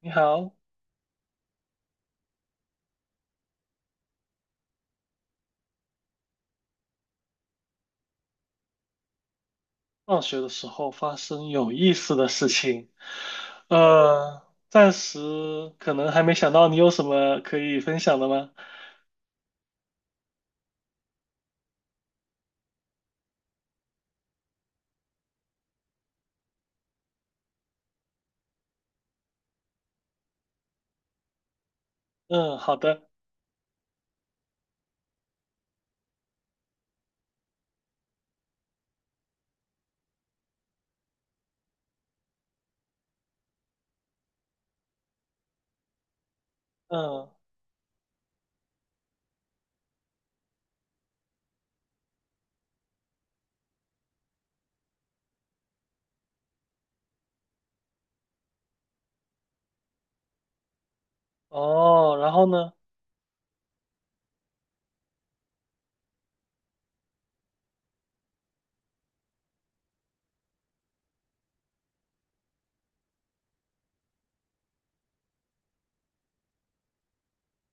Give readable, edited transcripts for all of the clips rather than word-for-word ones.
你好。放学的时候发生有意思的事情，呃，暂时可能还没想到。你有什么可以分享的吗？嗯，好的。嗯。哦，然后呢？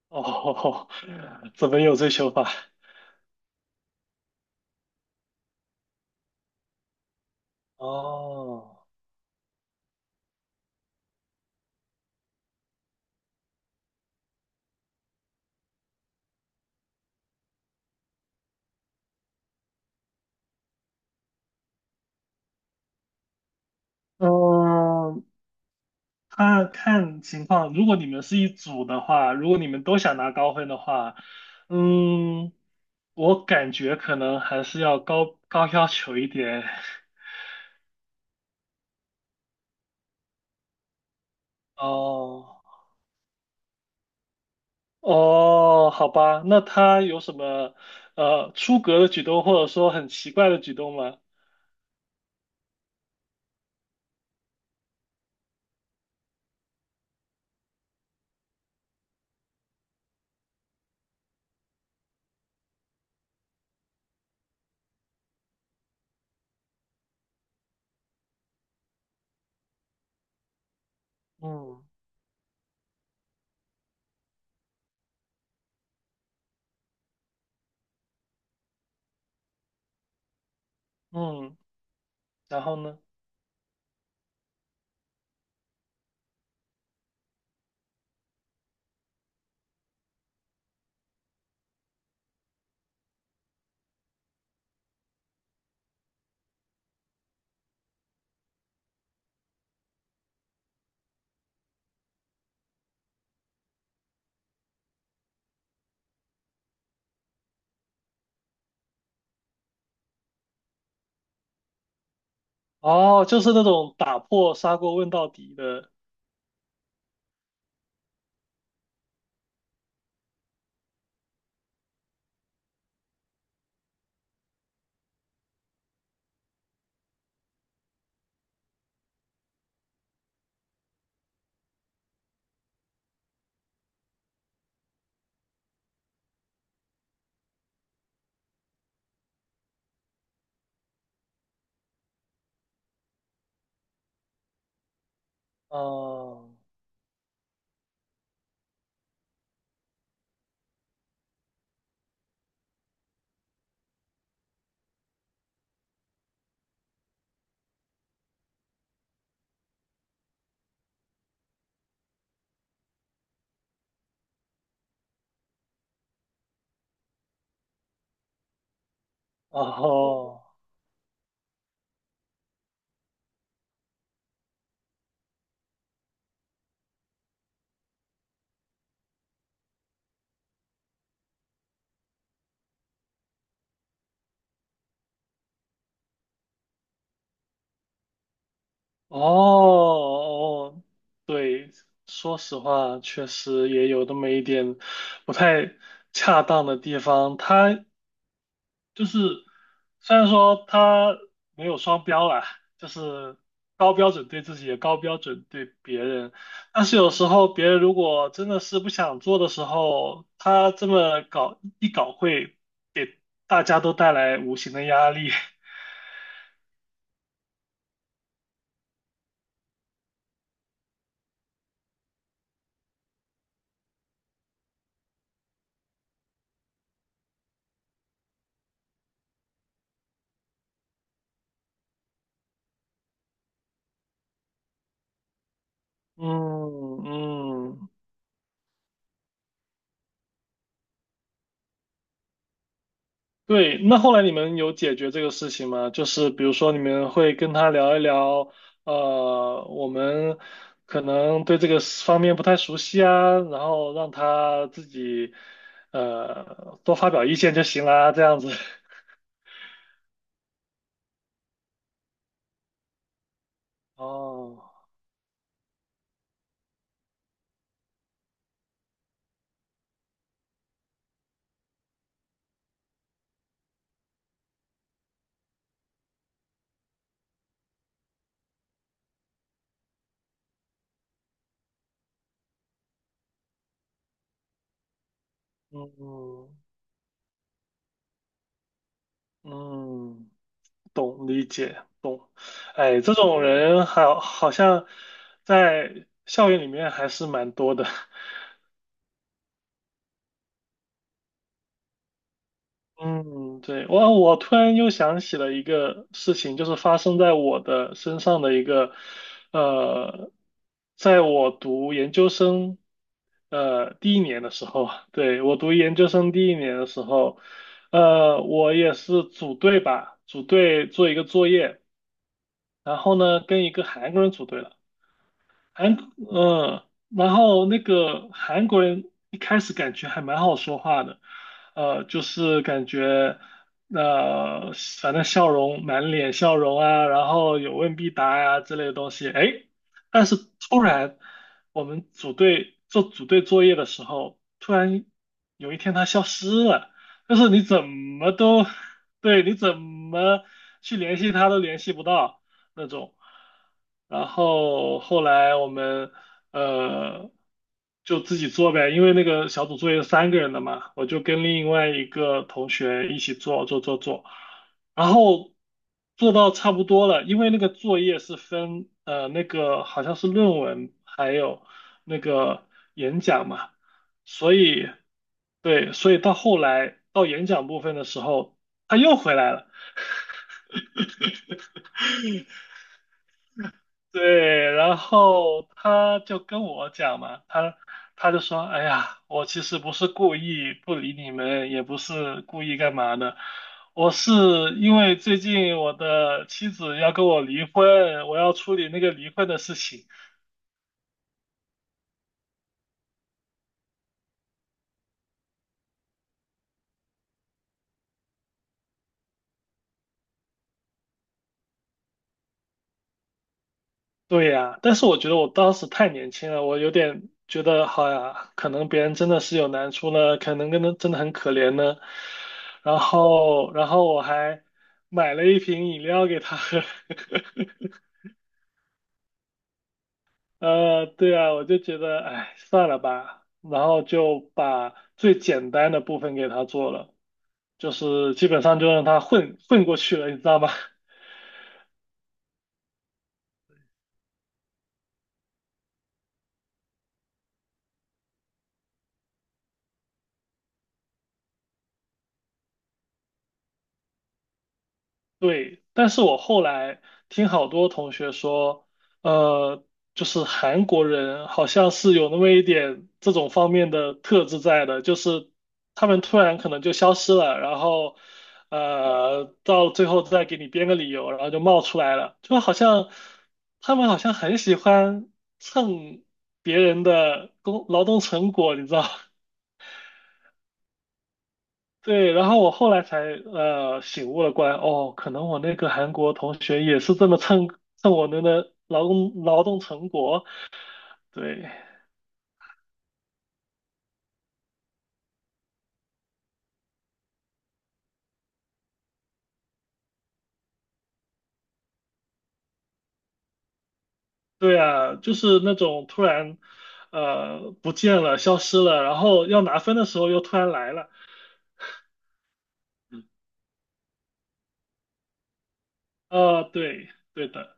哦，怎么有追求法？哦。嗯，看看情况，如果你们是一组的话，如果你们都想拿高分的话，嗯，我感觉可能还是要高高要求一点。哦。哦，好吧，那他有什么出格的举动，或者说很奇怪的举动吗？嗯嗯，然后呢？哦，就是那种打破砂锅问到底的。哦哦哦哦，对，说实话，确实也有那么一点不太恰当的地方。他就是虽然说他没有双标啦，就是高标准对自己，也高标准对别人，但是有时候别人如果真的是不想做的时候，他这么搞一搞会给大家都带来无形的压力。嗯嗯。对，那后来你们有解决这个事情吗？就是比如说你们会跟他聊一聊，我们可能对这个方面不太熟悉啊，然后让他自己多发表意见就行啦，这样子。哦。嗯嗯，懂，理解，懂。哎，这种人好，好像在校园里面还是蛮多的。嗯，对，我突然又想起了一个事情，就是发生在我的身上的一个，呃，在我读研究生，第一年的时候，对，我读研究生第一年的时候，我也是组队吧，组队做一个作业，然后呢，跟一个韩国人组队了。韩，然后那个韩国人一开始感觉还蛮好说话的，就是感觉，呃，反正笑容满脸笑容啊，然后有问必答呀、之类的东西，哎，但是突然我们组队做组队作业的时候，突然有一天他消失了，就是你怎么都，对，你怎么去联系他都联系不到。那种。然后后来我们呃就自己做呗，因为那个小组作业三个人的嘛，我就跟另外一个同学一起做，然后做到差不多了，因为那个作业是分那个好像是论文还有那个演讲嘛，所以对，所以到后来到演讲部分的时候，他又回来了。对，然后他就跟我讲嘛，他就说，哎呀，我其实不是故意不理你们，也不是故意干嘛的，我是因为最近我的妻子要跟我离婚，我要处理那个离婚的事情。对呀，但是我觉得我当时太年轻了，我有点觉得，好呀，可能别人真的是有难处呢，可能跟他真的很可怜呢。然后，然后我还买了一瓶饮料给他喝。对啊，我就觉得，哎，算了吧，然后就把最简单的部分给他做了，就是基本上就让他混混过去了，你知道吗？对，但是我后来听好多同学说，呃，就是韩国人好像是有那么一点这种方面的特质在的，就是他们突然可能就消失了，然后，到最后再给你编个理由，然后就冒出来了，就好像他们好像很喜欢蹭别人的工劳动成果，你知道？对，然后我后来才醒悟了过来，哦，可能我那个韩国同学也是这么蹭我们的劳动成果，对对啊，就是那种突然不见了、消失了，然后要拿分的时候又突然来了。对，对的。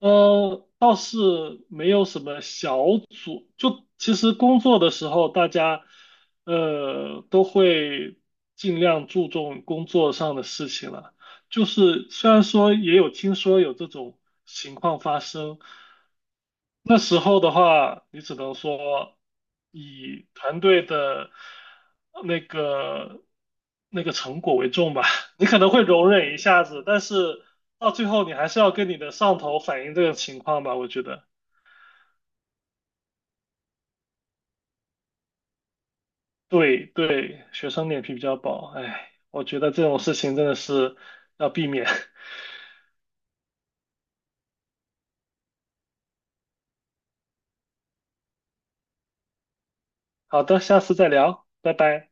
倒是没有什么小组，就其实工作的时候，大家都会尽量注重工作上的事情了。就是虽然说也有听说有这种情况发生，那时候的话，你只能说以团队的那个那个成果为重吧。你可能会容忍一下子，但是到最后你还是要跟你的上头反映这个情况吧，我觉得。对对，学生脸皮比较薄，哎，我觉得这种事情真的是要避免。好的，下次再聊，拜拜。